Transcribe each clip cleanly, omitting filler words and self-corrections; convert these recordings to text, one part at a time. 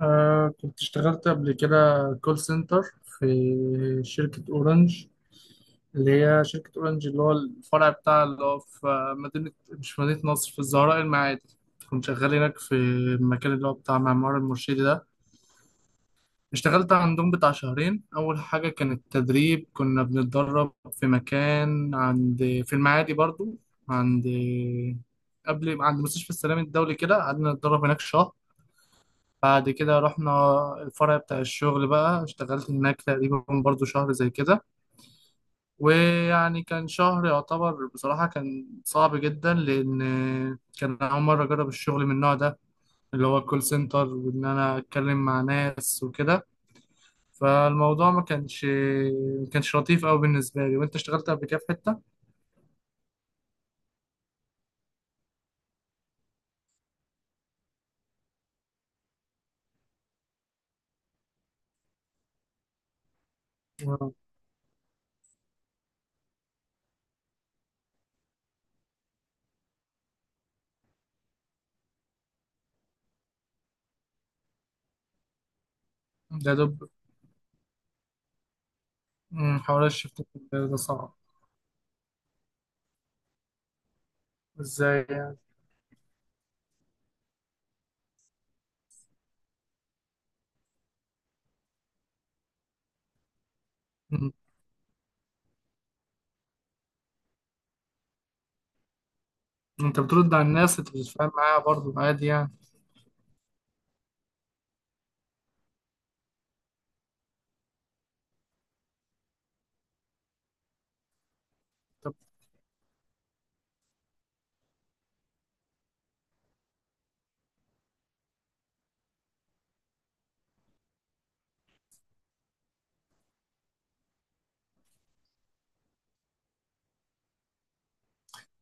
آه، كنت اشتغلت قبل كده كول سنتر في شركة أورنج. اللي هي شركة أورنج اللي هو الفرع بتاع اللي هو في مش في مدينة نصر، في الزهراء المعادي. كنت شغال هناك في المكان اللي هو بتاع معمار المرشدي ده. اشتغلت عندهم بتاع شهرين. أول حاجة كانت تدريب، كنا بنتدرب في مكان عند، في المعادي برضو، عند، قبل عند مستشفى السلام الدولي كده. قعدنا نتدرب هناك شهر، بعد كده رحنا الفرع بتاع الشغل بقى. اشتغلت هناك تقريبا برضو شهر زي كده. ويعني كان شهر يعتبر بصراحة كان صعب جدا، لأن كان أول مرة أجرب الشغل من النوع ده اللي هو الكول سنتر، وإن أنا أتكلم مع ناس وكده. فالموضوع ما كانش لطيف أوي بالنسبة لي. وأنت اشتغلت قبل كده في حتة؟ آه. ده دب. مم، حوار الشفت ده صعب. إزاي يعني؟ مم. أنت بترد على الناس، أنت بتتفاهم معاها برضو عادي يعني؟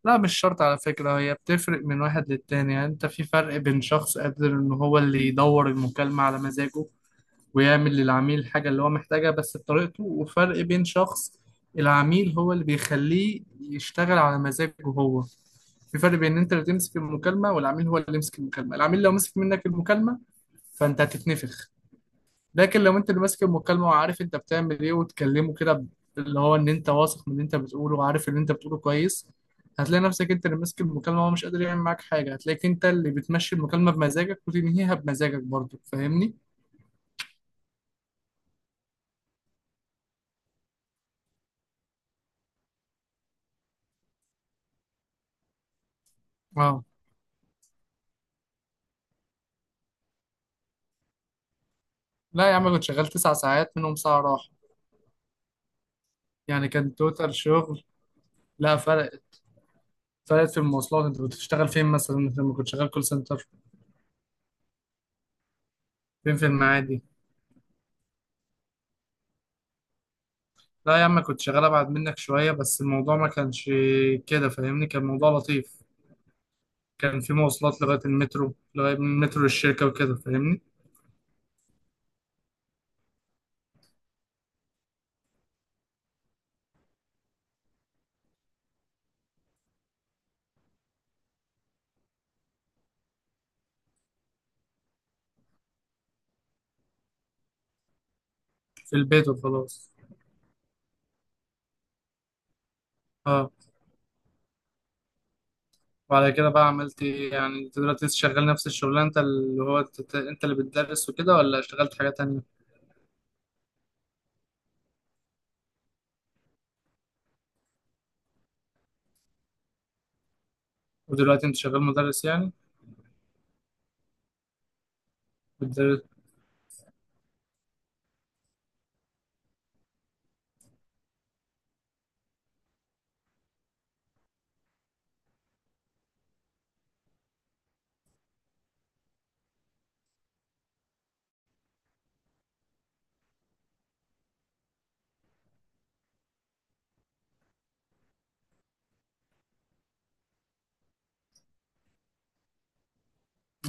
لا، مش شرط على فكرة. هي بتفرق من واحد للتاني، يعني انت في فرق بين شخص قادر ان هو اللي يدور المكالمة على مزاجه ويعمل للعميل الحاجة اللي هو محتاجها بس بطريقته، وفرق بين شخص العميل هو اللي بيخليه يشتغل على مزاجه هو. في فرق بين ان انت اللي تمسك المكالمة والعميل هو اللي يمسك المكالمة. العميل لو مسك منك المكالمة فانت هتتنفخ، لكن لو انت اللي ماسك المكالمه وعارف انت بتعمل ايه وتكلمه كده اللي هو ان انت واثق من اللي انت بتقوله وعارف اللي انت بتقوله كويس، هتلاقي نفسك انت اللي ماسك المكالمه وهو مش قادر يعمل معاك حاجه. هتلاقيك انت اللي بتمشي المكالمه بمزاجك وتنهيها بمزاجك برضه، فاهمني؟ اه. لا يا عم، كنت شغال 9 ساعات منهم ساعه راحه، يعني كان توتال شغل. لا، فرقت في المواصلات. انت كنت بتشتغل فين مثلا انت لما كنت شغال كول سنتر؟ فين في المعادي؟ لا يا عم، كنت شغال ابعد منك شويه، بس الموضوع ما كانش كده فاهمني، كان موضوع لطيف. كان في مواصلات لغاية المترو، لغاية من المترو للشركة وكده، فاهمني. في البيت وخلاص. اه. وعلى كده بقى عملت ايه؟ يعني انت دلوقتي لسه شغال نفس الشغلانة، انت اللي هو انت اللي بتدرس وكده، ولا اشتغلت حاجة تانية؟ ودلوقتي انت شغال مدرس يعني؟ بتدرس.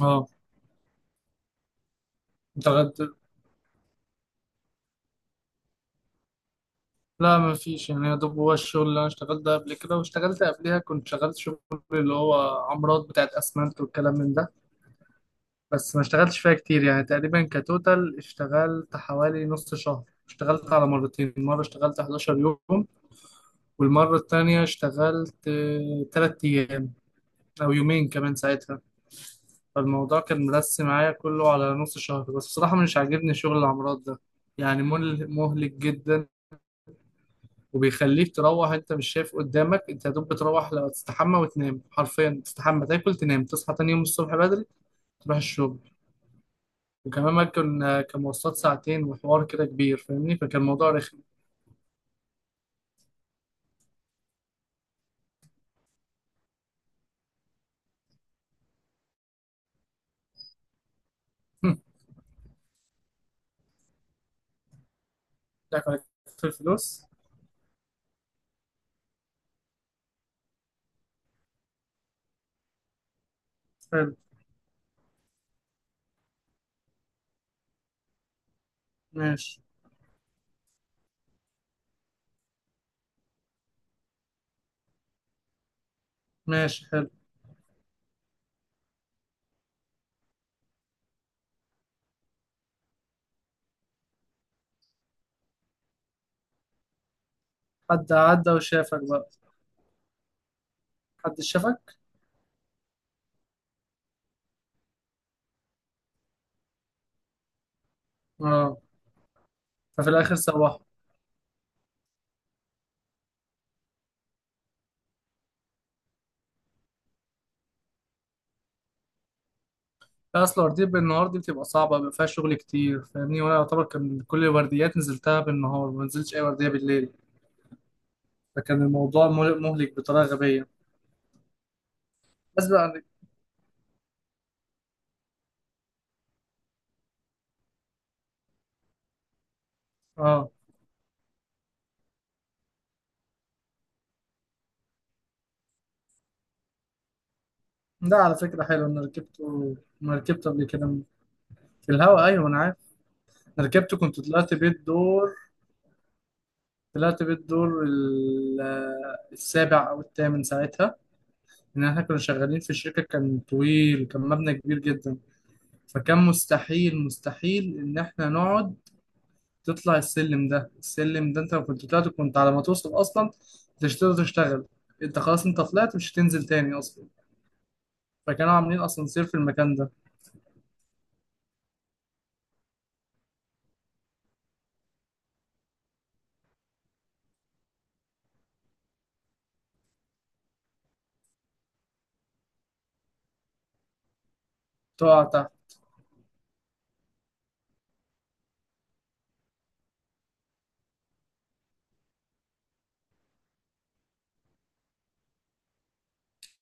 اه. انت غد... لا ما فيش، يعني يا دوب هو الشغل اللي انا اشتغلت ده قبل كده. واشتغلت قبليها كنت شغلت شغل اللي هو عمارات بتاعت اسمنت والكلام من ده، بس ما اشتغلتش فيها كتير. يعني تقريبا كتوتال اشتغلت حوالي نص شهر، اشتغلت على مرتين. مرة اشتغلت 11 يوم، والمرة التانية اشتغلت 3 أيام أو يومين كمان ساعتها. فالموضوع كان مرسي معايا كله على نص شهر، بس بصراحة مش عاجبني شغل العمارات ده. يعني مهلك جدا، وبيخليك تروح انت مش شايف قدامك. انت يا دوب بتروح لو تستحمى وتنام، حرفيا تستحمى تاكل تنام تصحى تاني يوم الصبح بدري تروح الشغل. وكمان ما كان كان مواصلات ساعتين وحوار كده كبير فاهمني، فكان الموضوع رخم. ضحك عليك في الفلوس. حلو. ماشي. ماشي حلو. حد عدى وشافك بقى؟ حد شافك؟ اه. ففي الاخر سوحه. لا، اصل ورديه بالنهار دي بتبقى صعبه، بيبقى فيها شغل كتير فاهمني. وانا يعتبر كان كل الورديات نزلتها بالنهار، ما نزلتش اي ورديه بالليل. فكان الموضوع مهلك مهلك بطريقه غبيه. بس بقى. اه. ده على فكره حلو، انا ركبته. انا ركبته قبل كده. في الهوا، ايوه انا عارف. أنا ركبته كنت طلعت بيه الدور. طلعت بالدور السابع او الثامن ساعتها، ان احنا كنا شغالين في شركه. كان طويل، كان مبنى كبير جدا. فكان مستحيل مستحيل ان احنا نقعد تطلع السلم ده. السلم ده انت لو كنت طلعت كنت على ما توصل اصلا مش هتقدر تشتغل. انت خلاص انت طلعت مش هتنزل تاني اصلا، فكانوا عاملين اسانسير في المكان ده. تقع تحت.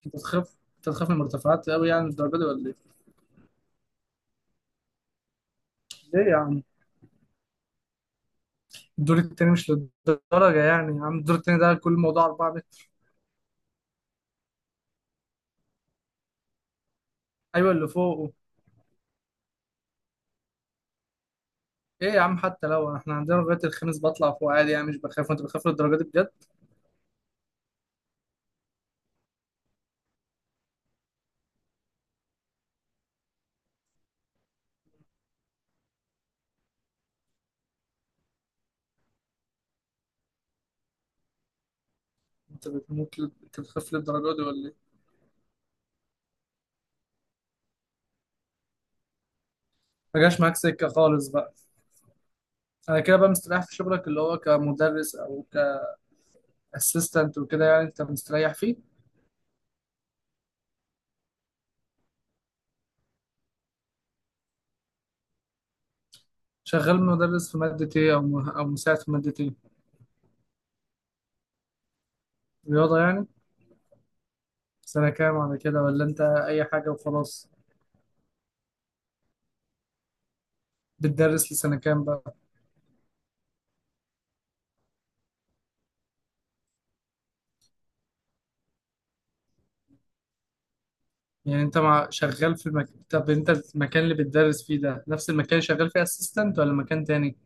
انت تخاف، انت تخاف من المرتفعات قوي، يعني الدرجه دي ولا ايه؟ ليه يا عم؟ الدور التاني مش للدرجه، يعني يا عم الدور التاني ده كل الموضوع 4 متر. ايوه اللي فوق. ايه يا عم، حتى لو احنا عندنا لغايه الخميس بطلع فوق عادي، يعني مش بخاف. وانت بتخاف للدرجه دي بجد؟ انت بتموت انت بتخاف للدرجه دي ولا ايه؟ ما جاش معاك سكه خالص بقى. انا كده بقى مستريح في شغلك اللي هو كمدرس او كاسيستنت وكده، يعني انت مستريح فيه. شغال مدرس في ماده ايه، او او مساعد في ماده ايه؟ رياضه يعني؟ سنه كام على كده، ولا انت اي حاجه وخلاص؟ بتدرس لسنه كام بقى؟ يعني انت مع شغال في المكتب، انت المكان اللي بتدرس فيه ده نفس المكان اللي شغال فيه اسيستنت ولا مكان تاني؟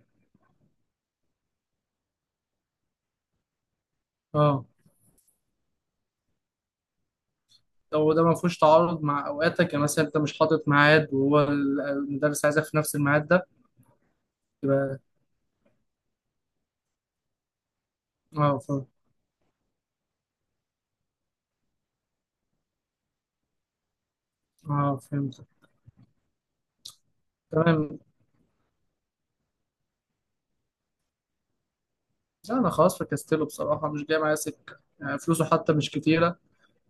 اه. لو ده ما فيهوش تعارض مع اوقاتك، يعني مثلا انت مش حاطط ميعاد وهو المدرس عايزك في نفس الميعاد ده. يبقى. اه فهمت. اه فهمت. تمام. لا انا خلاص فكستله بصراحه، مش جاي معايا سكه، يعني فلوسه حتى مش كتيره،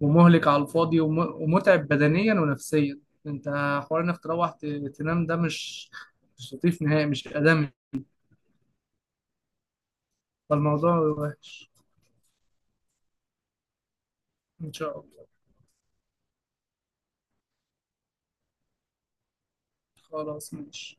ومهلك على الفاضي، ومتعب بدنيا ونفسيا. انت حوار انك تروح تنام ده مش مش لطيف نهائي، مش ادمي. فالموضوع وحش. ان شاء الله. خلاص ماشي.